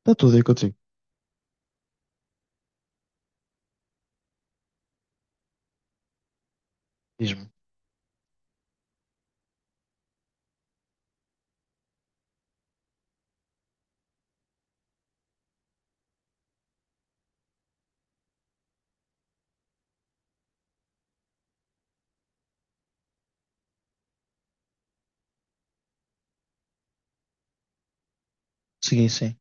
Está tudo aí contigo. Diz-me. Segui, sim.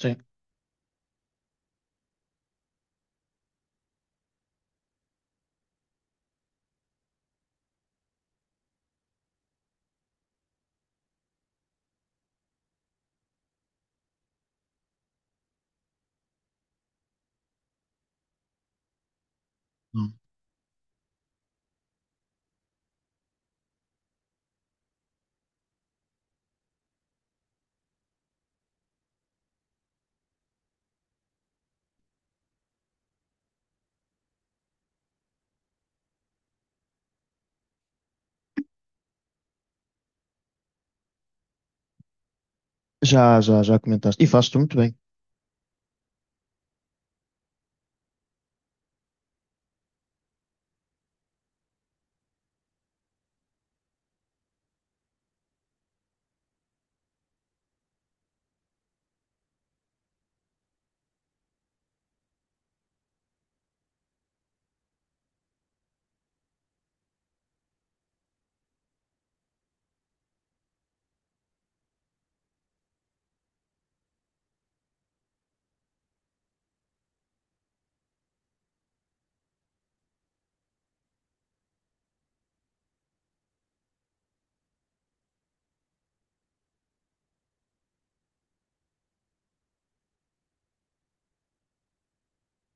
Sim. Hum. Já, já, já comentaste. E fazes tu muito bem.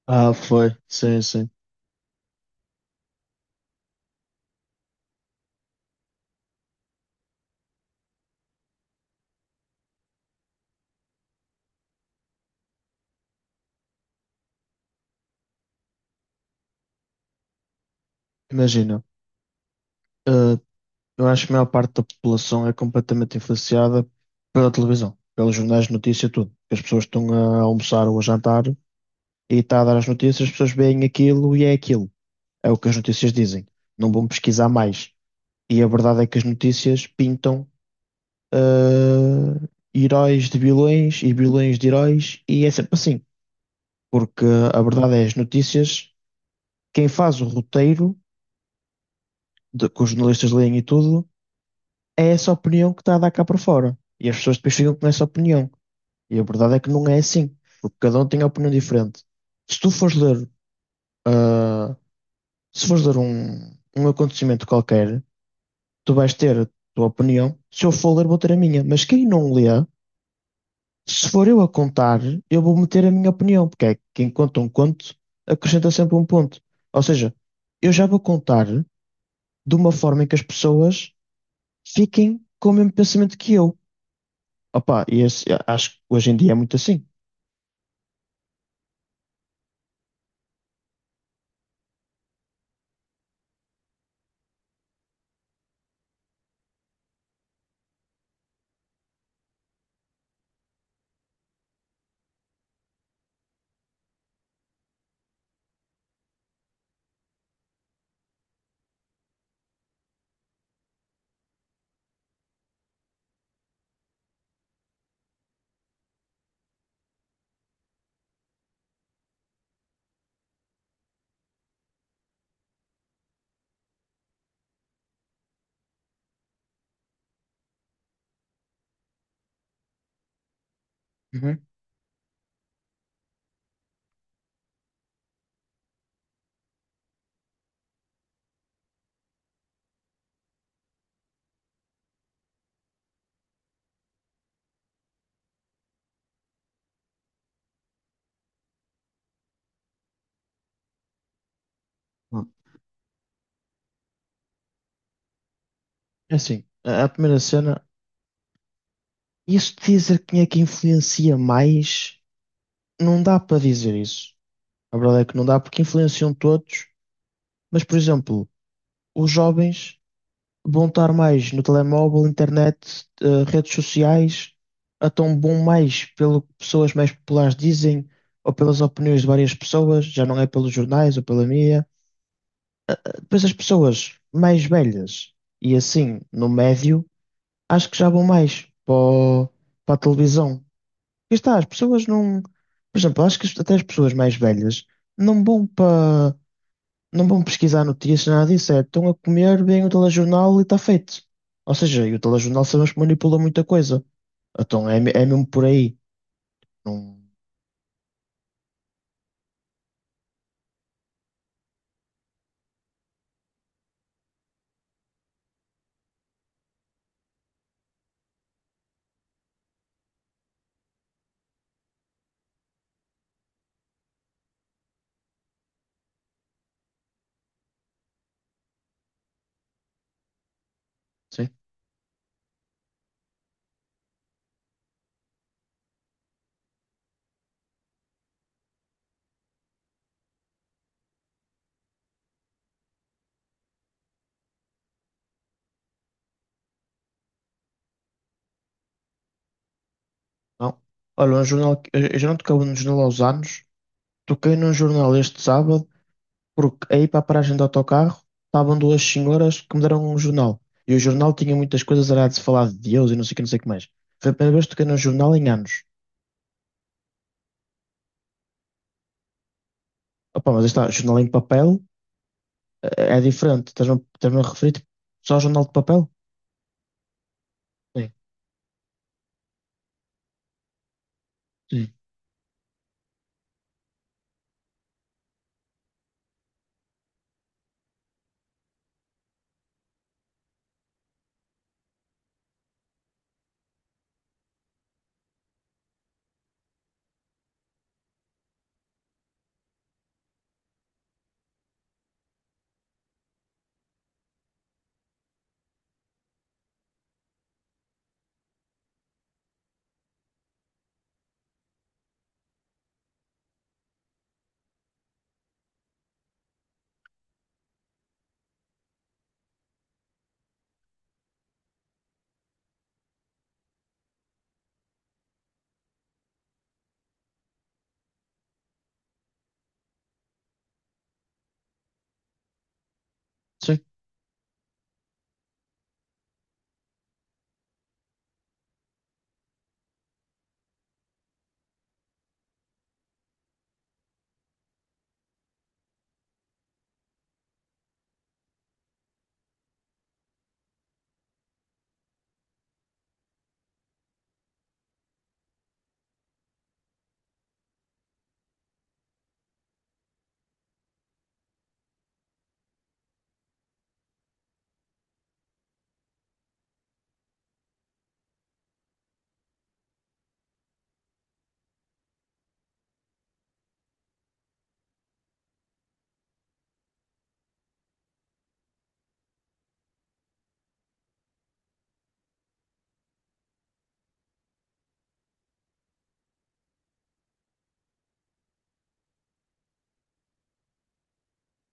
Ah, foi. Sim, sim. Imagina. ah, eu acho que a maior parte da população é completamente influenciada pela televisão, pelos jornais de notícia, tudo. As pessoas estão a almoçar ou a jantar e está a dar as notícias, as pessoas veem aquilo e é aquilo. É o que as notícias dizem. Não vão pesquisar mais. E a verdade é que as notícias pintam ah, heróis de vilões e vilões de heróis e é sempre assim. Porque a verdade é, as notícias, quem faz o roteiro, de, que os jornalistas leem e tudo, é essa opinião que está a dar cá para fora. E as pessoas depois ficam com essa opinião. E a verdade é que não é assim, porque cada um tem a opinião diferente. Se tu fores ler, se fores ler um, um acontecimento qualquer, tu vais ter a tua opinião. Se eu for ler, vou ter a minha. Mas quem não lê, se for eu a contar, eu vou meter a minha opinião, porque é que quem conta um conto acrescenta sempre um ponto. Ou seja, eu já vou contar de uma forma em que as pessoas fiquem com o mesmo pensamento que eu. Opa, acho que hoje em dia é muito assim. Uhum. Bom, é assim, a primeira cena, isso de dizer quem é que influencia mais, não dá para dizer isso. A verdade é que não dá porque influenciam todos, mas, por exemplo, os jovens vão estar mais no telemóvel, internet, redes sociais, então vão mais pelo que pessoas mais populares dizem ou pelas opiniões de várias pessoas, já não é pelos jornais ou pela mídia. Depois as pessoas mais velhas e assim no médio, acho que já vão mais para, para a televisão. E está, as pessoas não. Por exemplo, acho que até as pessoas mais velhas não vão para. Não vão pesquisar notícias, nada disso. É, estão a comer, bem o telejornal e está feito. Ou seja, e o telejornal sabemos que manipula muita coisa. Então é, é mesmo por aí. Não sei. Não. Olha, um jornal. Eu já não tocava no jornal aos anos. Toquei num jornal este sábado porque aí para a paragem do autocarro estavam duas senhoras que me deram um jornal. E o jornal tinha muitas coisas, era de se falar de Deus e não sei o que, não sei o que mais. Foi a primeira vez que toquei num jornal em anos. Opa, mas aí está, jornal em papel é diferente. Estás-me a referir tipo, só ao jornal de papel? Sim, sim, sim.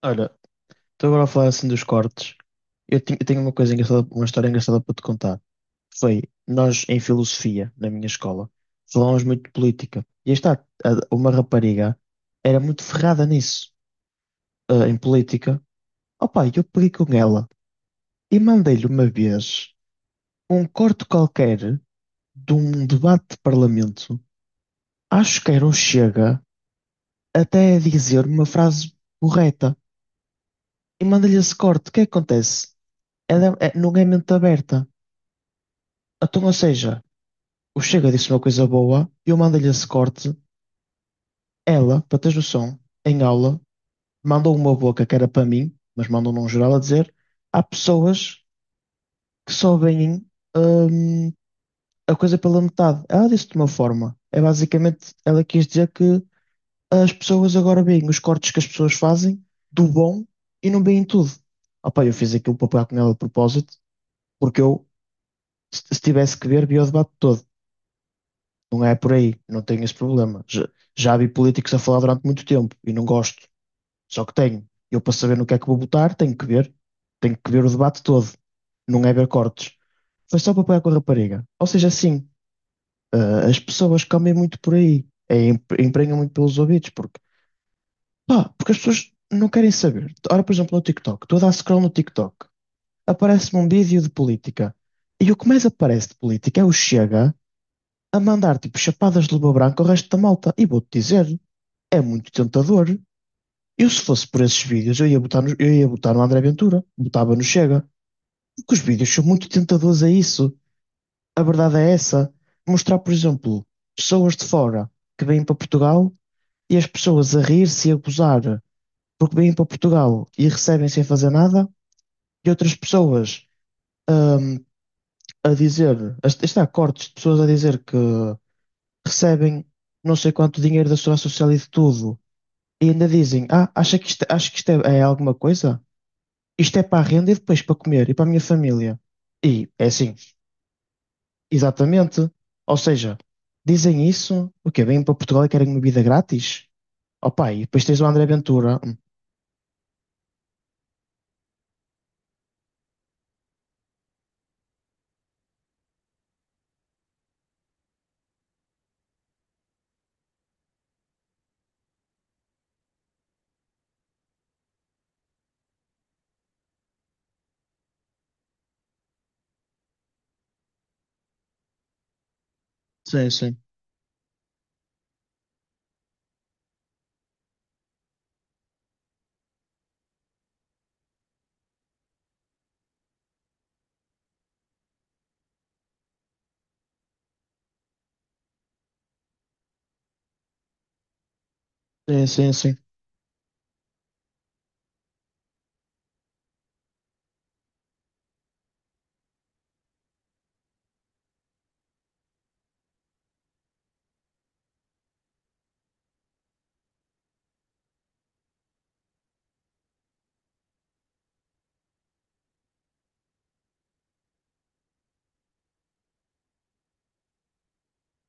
Olha, estou agora a falar assim dos cortes. Eu tenho uma coisa engraçada, uma história engraçada para te contar. Foi, nós em filosofia, na minha escola, falámos muito de política. E aí está, uma rapariga era muito ferrada nisso. Em política. Opa, eu peguei com ela e mandei-lhe uma vez um corte qualquer de um debate de parlamento. Acho que era o Chega, até a dizer uma frase correta. E mandei-lhe esse corte. O que é que acontece? Ela é, não é mente aberta. Então, ou seja, o Chega disse uma coisa boa, eu mandei-lhe esse corte. Ela, para teres noção, em aula, mandou uma boca que era para mim, mas mandou num geral a dizer: há pessoas que só veem. hum, a coisa pela metade. Ela disse de uma forma. É basicamente, ela quis dizer que as pessoas agora veem os cortes que as pessoas fazem do bom e não veem tudo. Opa, eu fiz aquilo para pegar com ela de propósito, porque eu, se tivesse que ver, via o debate todo. Não é por aí, não tenho esse problema. Já, já vi políticos a falar durante muito tempo e não gosto. Só que tenho. Eu, para saber no que é que vou votar, tenho que ver. Tenho que ver o debate todo. Não é ver cortes. Foi só para pegar com a rapariga. Ou seja, sim, as pessoas comem muito por aí, é, emprenham muito pelos ouvidos, porque, pá, porque as pessoas não querem saber. Ora, por exemplo, no TikTok, tu a dar scroll no TikTok, aparece-me um vídeo de política, e o que mais aparece de política é o Chega a mandar tipo chapadas de luva branca ao resto da malta, e vou-te dizer, é muito tentador. Eu, se fosse por esses vídeos, eu ia botar no André Ventura, botava no Chega, porque os vídeos são muito tentadores a isso. A verdade é essa. Mostrar, por exemplo, pessoas de fora que vêm para Portugal e as pessoas a rir-se e a gozar porque vêm para Portugal e recebem sem fazer nada, e outras pessoas hum, a dizer, cortes de pessoas a dizer que recebem não sei quanto dinheiro da Segurança Social e de tudo, e ainda dizem, ah, acho que isto é alguma coisa? Isto é para a renda e depois para comer e para a minha família. E é assim, exatamente. Ou seja, dizem isso, o quê? Vêm para Portugal e querem uma vida grátis? Opa, e depois tens o André Ventura. Sim, sim. Sim, sim, sim.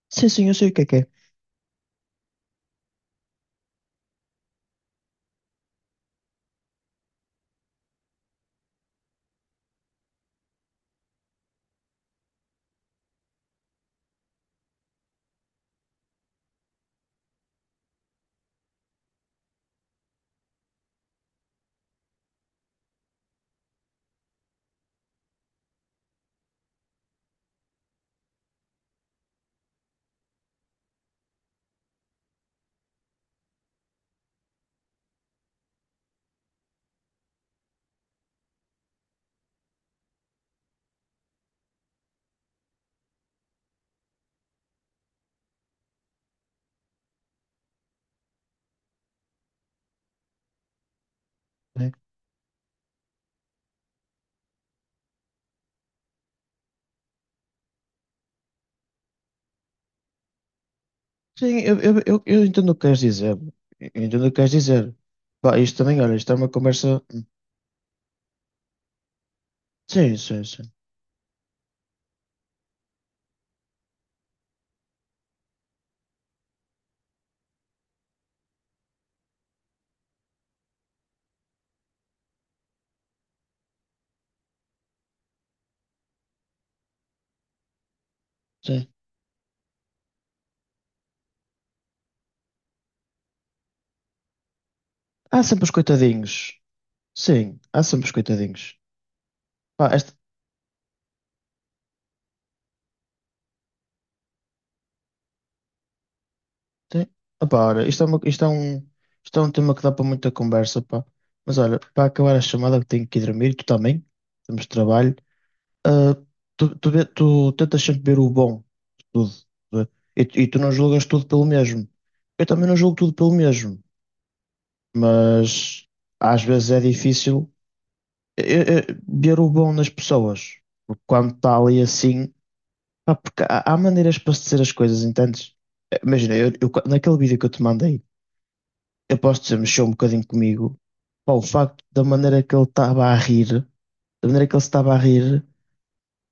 Sim, sim, eu sei o que é que é. Né? Sim, eu entendo o que queres dizer. Eu entendo o que queres dizer. Pá, isto também, olha, isto é uma conversa. Sim, sim, sim. Sim. Há sempre os coitadinhos. Sim, há sempre os coitadinhos. Pá, esta... tem- Opá, olha, isto é um tema que dá para muita conversa, pá. Mas olha, para acabar a chamada que tenho que ir dormir, tu também. Temos trabalho. Ah, tu tentas sempre ver o bom de tudo, né? E, e tu não julgas tudo pelo mesmo. Eu também não julgo tudo pelo mesmo, mas às vezes é difícil eh, eh, eh, ver o bom nas pessoas, porque quando está ali assim, pá, porque há maneiras para se dizer as coisas, entendes? Imagina, naquele vídeo que eu te mandei, eu posso dizer, mexeu um bocadinho comigo, pá, o facto da maneira que ele estava a rir, da maneira que ele se estava a rir,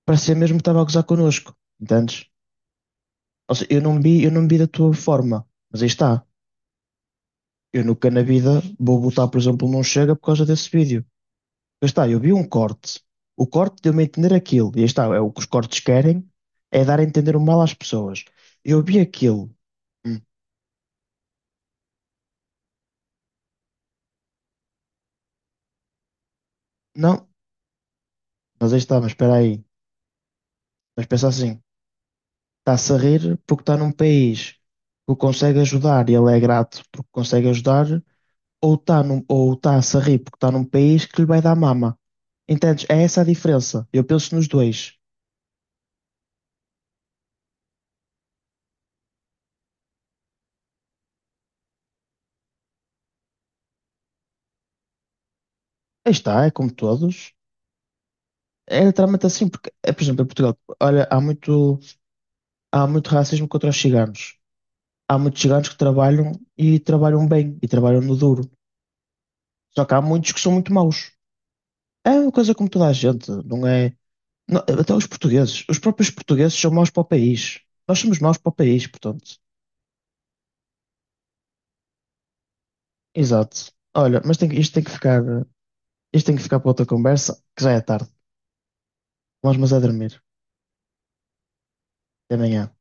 parecia mesmo que estava a gozar connosco, entendes? Ou seja, eu não vi da tua forma, mas aí está. Eu nunca na vida vou botar, por exemplo, não chega por causa desse vídeo. Aí está, eu vi um corte. O corte deu-me a entender aquilo. E aí está, é o que os cortes querem, é dar a entender o mal às pessoas. Eu vi aquilo. Hum, Não, mas aí está, mas espera aí. Mas pensa assim, está-se a rir porque está num país que o consegue ajudar e ele é grato porque consegue ajudar ou está ou tá-se a se rir porque está num país que lhe vai dar mama. Entendes? É essa a diferença. Eu penso nos dois. Aí está, é como todos. É literalmente assim, porque, é, por exemplo, em Portugal, olha, há muito racismo contra os ciganos. Há muitos ciganos que trabalham e trabalham bem e trabalham no duro. Só que há muitos que são muito maus. É uma coisa como toda a gente, não é? Até os portugueses, os próprios portugueses são maus para o país. Nós somos maus para o país, portanto. Exato. Olha, mas isto tem que ficar. Isto tem que ficar para outra conversa, que já é tarde. Vamos, mas é dormir. Até amanhã.